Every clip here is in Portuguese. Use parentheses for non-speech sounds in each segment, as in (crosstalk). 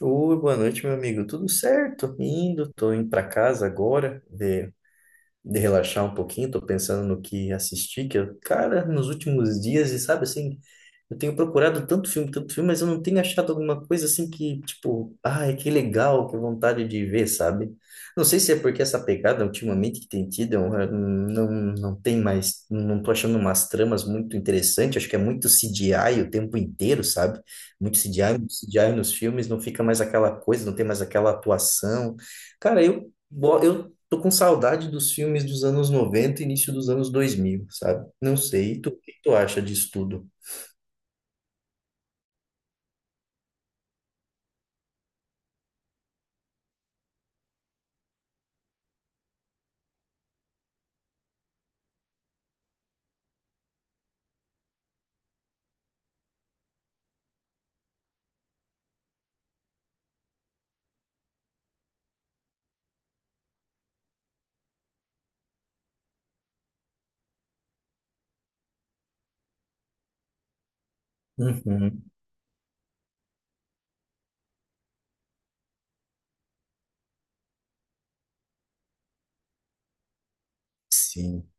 Oi, boa noite, meu amigo. Tudo certo? Tô indo para casa agora, de relaxar um pouquinho, tô pensando no que assisti, que eu, cara, nos últimos dias, e sabe, assim, eu tenho procurado tanto filme, mas eu não tenho achado alguma coisa assim que, tipo, ai, que legal, que vontade de ver, sabe? Não sei se é porque essa pegada ultimamente que tem tido, eu, não tem mais, não tô achando umas tramas muito interessantes. Acho que é muito CGI o tempo inteiro, sabe? Muito CGI, muito CGI nos filmes, não fica mais aquela coisa, não tem mais aquela atuação. Cara, eu tô com saudade dos filmes dos anos 90 e início dos anos 2000, sabe? Não sei, e tu, o que tu acha disso tudo? Uhum, sim.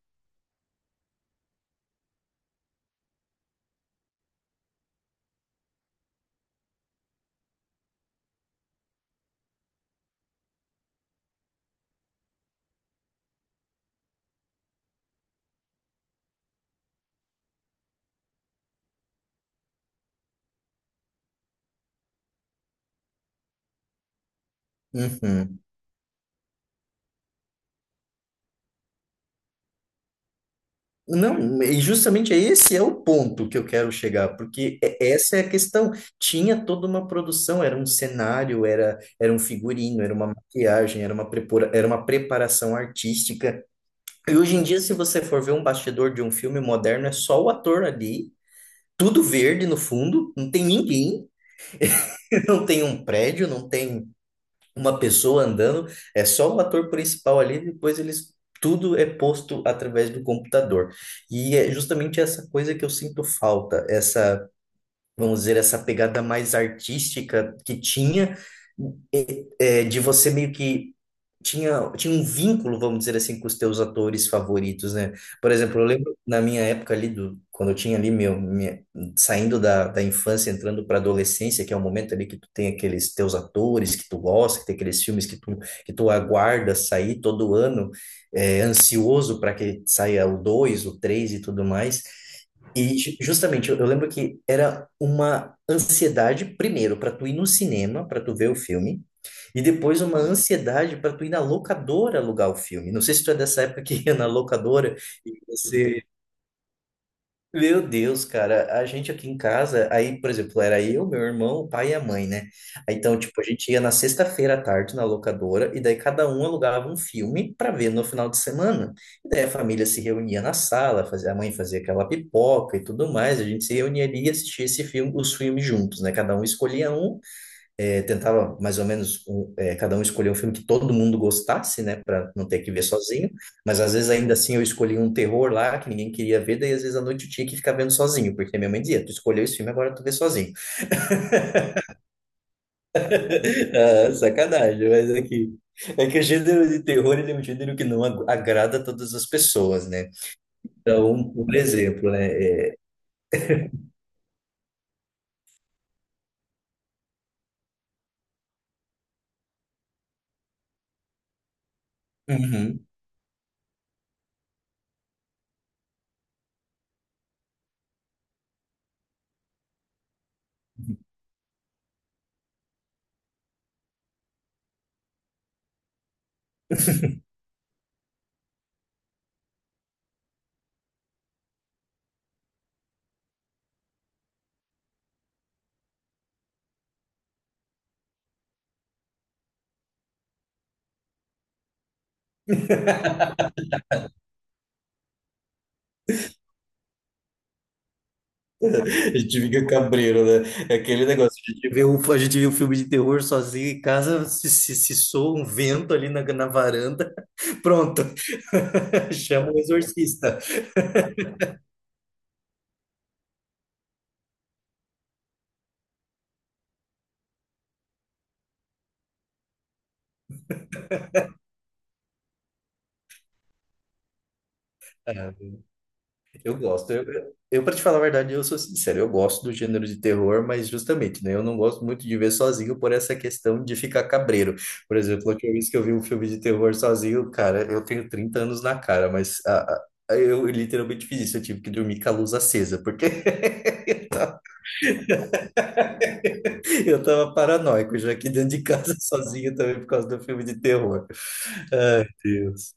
Uhum. Não, e justamente esse é o ponto que eu quero chegar, porque essa é a questão. Tinha toda uma produção, era um cenário, era um figurino, era uma maquiagem, era uma preparação artística. E hoje em dia, se você for ver um bastidor de um filme moderno, é só o ator ali, tudo verde no fundo, não tem ninguém. Não tem um prédio, não tem uma pessoa andando, é só o ator principal ali, depois eles, tudo é posto através do computador. E é justamente essa coisa que eu sinto falta, essa, vamos dizer, essa pegada mais artística que tinha, de você meio que tinha um vínculo, vamos dizer assim, com os teus atores favoritos, né? Por exemplo, eu lembro na minha época ali quando eu tinha ali saindo da infância, entrando para adolescência, que é o momento ali que tu tem aqueles teus atores que tu gosta, que tem aqueles filmes que tu aguarda sair todo ano, ansioso para que saia o dois o três e tudo mais. E justamente, eu lembro que era uma ansiedade, primeiro, para tu ir no cinema, para tu ver o filme, e depois uma ansiedade para tu ir na locadora alugar o filme. Não sei se tu é dessa época que ia na locadora e você, meu Deus, cara, a gente aqui em casa, aí, por exemplo, era eu, meu irmão, o pai e a mãe, né? Aí, então, tipo, a gente ia na sexta-feira à tarde na locadora e daí cada um alugava um filme para ver no final de semana. E daí a família se reunia na sala, fazia, a mãe fazia aquela pipoca e tudo mais, a gente se reunia ali e assistia esse filme, os filmes juntos, né? Cada um escolhia um, tentava mais ou menos cada um escolher um filme que todo mundo gostasse, né, para não ter que ver sozinho. Mas às vezes ainda assim eu escolhi um terror lá que ninguém queria ver, daí às vezes à noite eu tinha que ficar vendo sozinho, porque minha mãe dizia: "Tu escolheu esse filme, agora tu vê sozinho". (laughs) Ah, sacanagem, mas é que o gênero de terror ele é um gênero que não agrada a todas as pessoas, né? Então, por exemplo, né? Uhum. (laughs) A gente fica cabreiro, né? É aquele negócio, a gente vê um filme de terror sozinho em casa, se soa um vento ali na varanda. (laughs) Pronto. (laughs) Chama o exorcista. Ah, eu gosto. Eu para te falar a verdade, eu sou sincero, eu gosto do gênero de terror, mas justamente, né, eu não gosto muito de ver sozinho por essa questão de ficar cabreiro. Por exemplo, a última vez que eu vi um filme de terror sozinho, cara, eu tenho 30 anos na cara, mas eu literalmente fiz isso, eu tive que dormir com a luz acesa, porque (laughs) eu tava paranoico já aqui dentro de casa (laughs) sozinho também por causa do filme de terror. Ai, Deus.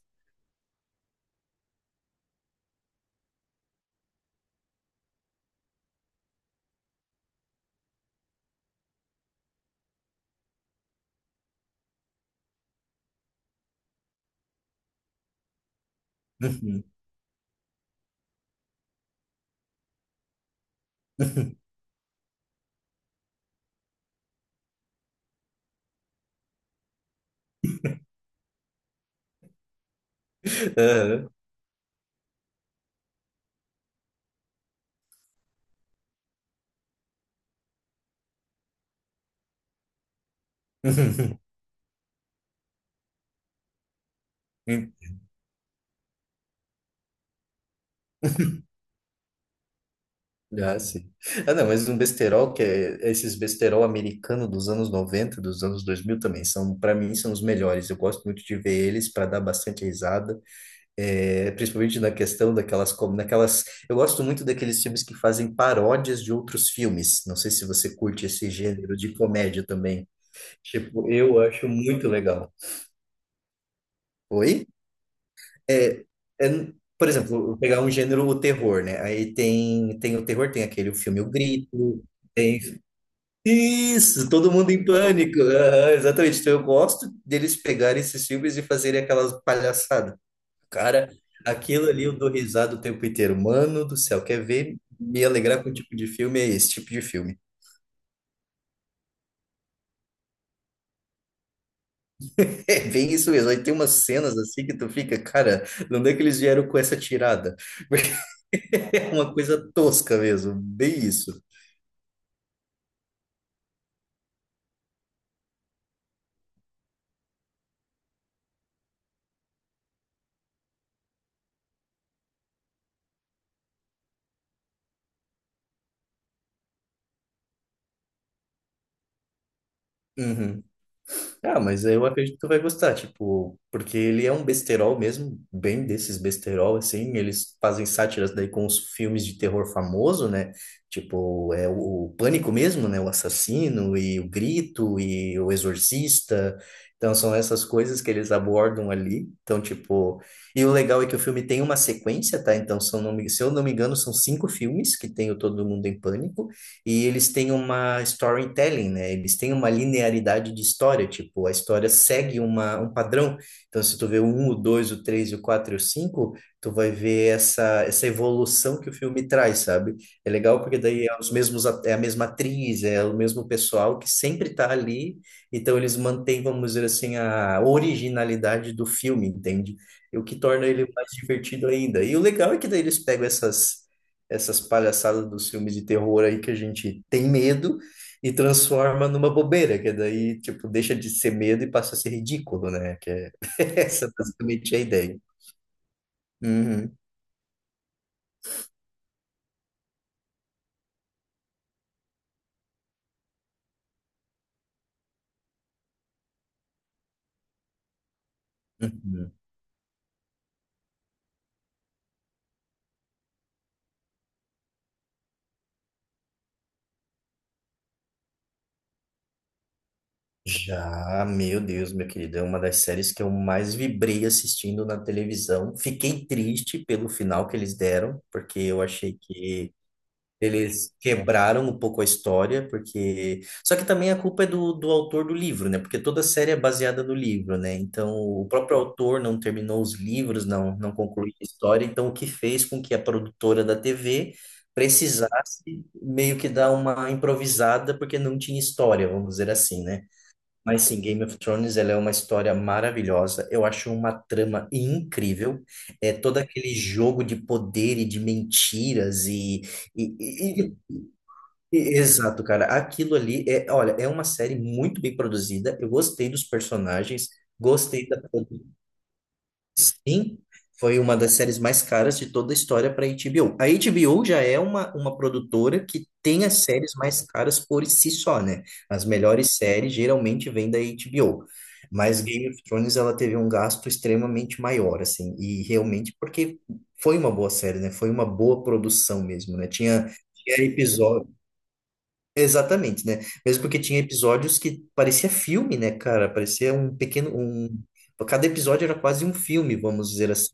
Uhum. Aham. (laughs) Ah, sim. Ah, não, mas um besterol que é esses besterol americano dos anos 90, dos anos 2000, também são, para mim, são os melhores. Eu gosto muito de ver eles para dar bastante risada, é, principalmente na questão daquelas, como naquelas, eu gosto muito daqueles filmes que fazem paródias de outros filmes. Não sei se você curte esse gênero de comédia também. Tipo, eu acho muito legal. Oi? É, é, por exemplo, eu vou pegar um gênero, o terror, né? Aí tem o terror, tem aquele filme O Grito, tem. Isso! Todo mundo em pânico! Aham, exatamente. Então eu gosto deles pegarem esses filmes e fazerem aquelas palhaçadas. Cara, aquilo ali eu dou risada o tempo inteiro. Mano do céu, quer ver me alegrar com o tipo de filme? É esse tipo de filme. (laughs) É bem isso mesmo. Aí tem umas cenas assim que tu fica, cara, não é que eles vieram com essa tirada? É uma coisa tosca mesmo, bem isso. Uhum. Ah, mas eu acredito que tu vai gostar, tipo, porque ele é um besterol mesmo, bem desses besterol, assim, eles fazem sátiras daí com os filmes de terror famoso, né? Tipo, é o Pânico mesmo, né? O Assassino e o Grito e o Exorcista. Então, são essas coisas que eles abordam ali. Então, tipo, e o legal é que o filme tem uma sequência, tá? Então, se eu não me engano, são cinco filmes que tem o Todo Mundo em Pânico. E eles têm uma storytelling, né? Eles têm uma linearidade de história, tipo, a história segue uma, um padrão. Então, se tu vê o um, o dois, o três, o 4 e o cinco, tu vai ver essa evolução que o filme traz, sabe? É legal porque daí é os mesmos, é a mesma atriz, é o mesmo pessoal que sempre tá ali, então eles mantêm, vamos dizer assim, a originalidade do filme, entende? E o que torna ele mais divertido ainda. E o legal é que daí eles pegam essas palhaçadas dos filmes de terror aí que a gente tem medo e transforma numa bobeira, que daí, tipo, deixa de ser medo e passa a ser ridículo, né? Que é (laughs) essa basicamente é a ideia. Uhum, uhum. Já, meu Deus, meu querido, é uma das séries que eu mais vibrei assistindo na televisão. Fiquei triste pelo final que eles deram, porque eu achei que eles quebraram um pouco a história. Porque. Só que também a culpa é do autor do livro, né? Porque toda a série é baseada no livro, né? Então, o próprio autor não terminou os livros, não concluiu a história. Então, o que fez com que a produtora da TV precisasse meio que dar uma improvisada, porque não tinha história, vamos dizer assim, né? Mas sim, Game of Thrones, ela é uma história maravilhosa. Eu acho uma trama incrível. É todo aquele jogo de poder e de mentiras E, e- Exato, cara. Aquilo ali é, olha, é uma série muito bem produzida. Eu gostei dos personagens, gostei da produção. Sim, foi uma das séries mais caras de toda a história para a HBO. A HBO já é uma produtora que tem as séries mais caras por si só, né? As melhores séries geralmente vêm da HBO. Mas Game of Thrones ela teve um gasto extremamente maior, assim, e realmente porque foi uma boa série, né? Foi uma boa produção mesmo, né? Tinha episódio. Exatamente, né? Mesmo porque tinha episódios que parecia filme, né, cara? Parecia um pequeno, um. Cada episódio era quase um filme, vamos dizer assim.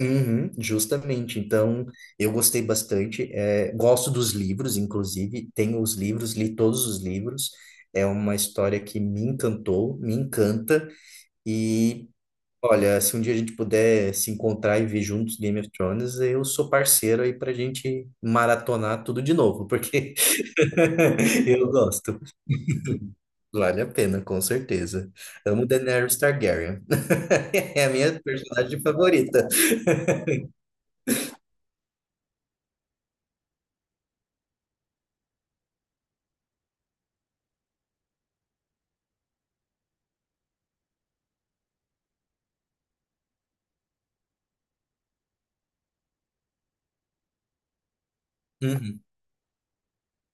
Uhum, justamente. Então, eu gostei bastante. É, gosto dos livros, inclusive. Tenho os livros, li todos os livros. É uma história que me encantou, me encanta. E, olha, se um dia a gente puder se encontrar e ver juntos Game of Thrones, eu sou parceiro aí pra gente maratonar tudo de novo, porque (laughs) eu gosto. Vale a pena, com certeza. Amo Daenerys Targaryen. (laughs) É a minha personagem favorita. Uhum.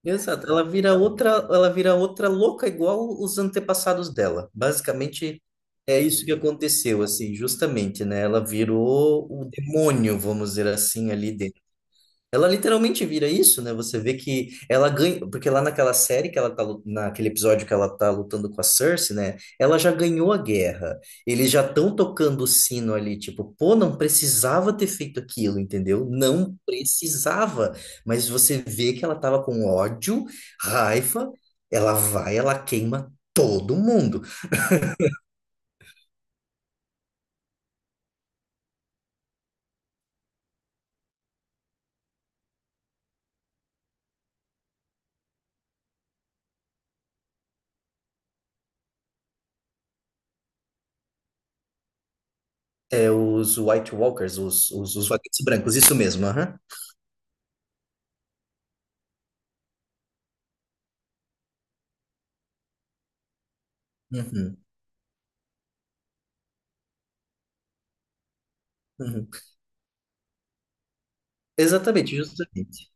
Exato, ela vira outra louca igual os antepassados dela. Basicamente é isso que aconteceu, assim, justamente, né? Ela virou o demônio, vamos dizer assim, ali. Ela literalmente vira isso, né? Você vê que ela ganha, porque lá naquela série que ela tá, naquele episódio que ela tá lutando com a Cersei, né? Ela já ganhou a guerra. Eles já estão tocando o sino ali, tipo, pô, não precisava ter feito aquilo, entendeu? Não precisava. Mas você vê que ela tava com ódio, raiva, ela vai, ela queima todo mundo. É, os White Walkers, os vagantes brancos, isso mesmo, aham. Uhum, uhum. Exatamente, justamente.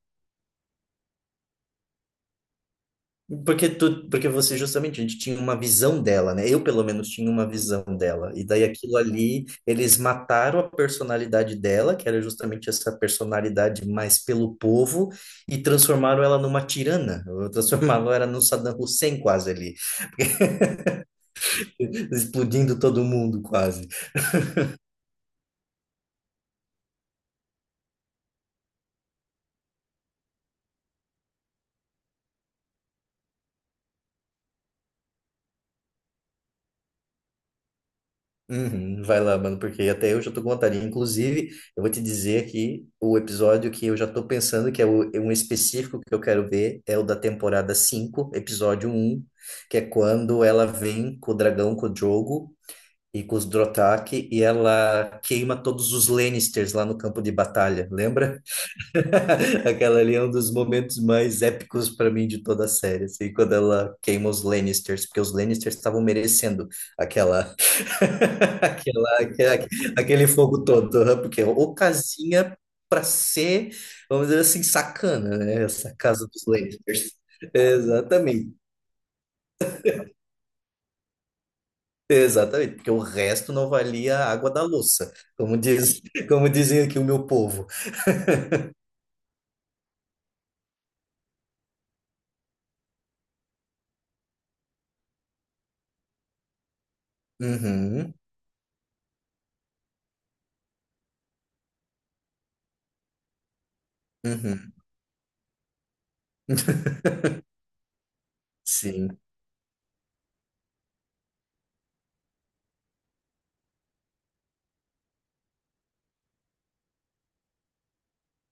Porque você justamente, a gente tinha uma visão dela, né? Eu, pelo menos, tinha uma visão dela. E daí aquilo ali, eles mataram a personalidade dela, que era justamente essa personalidade mais pelo povo, e transformaram ela numa tirana. Transformaram ela num Saddam Hussein quase ali, (laughs) explodindo todo mundo quase. Uhum, vai lá, mano, porque até eu já tô com vontade. Inclusive, eu vou te dizer aqui o episódio que eu já tô pensando que é é um específico que eu quero ver é o da temporada 5 episódio 1 que é quando ela vem com o dragão, com o Drogo e com os Dothraki e ela queima todos os Lannisters lá no campo de batalha, lembra? (laughs) Aquela ali é um dos momentos mais épicos para mim de toda a série, assim, quando ela queima os Lannisters, porque os Lannisters estavam merecendo aquela Aquela- aquela- aquele fogo todo, né? Porque ocasião para ser, vamos dizer assim, sacana, né? Essa casa dos Lakers. Exatamente, exatamente, porque o resto não valia a água da louça, como diz, como dizem aqui o meu povo. Uhum, uhum, sim,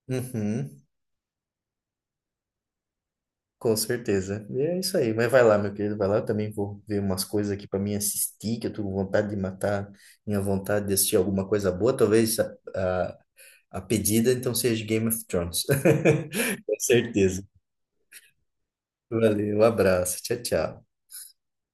uhum, com certeza. E é isso aí, mas vai lá, meu querido, vai lá, eu também vou ver umas coisas aqui para mim assistir, que eu tô com vontade de matar minha vontade de assistir alguma coisa boa, talvez. ah, A pedida, então, seja Game of Thrones. (laughs) Com certeza. Valeu, um abraço. Tchau, tchau.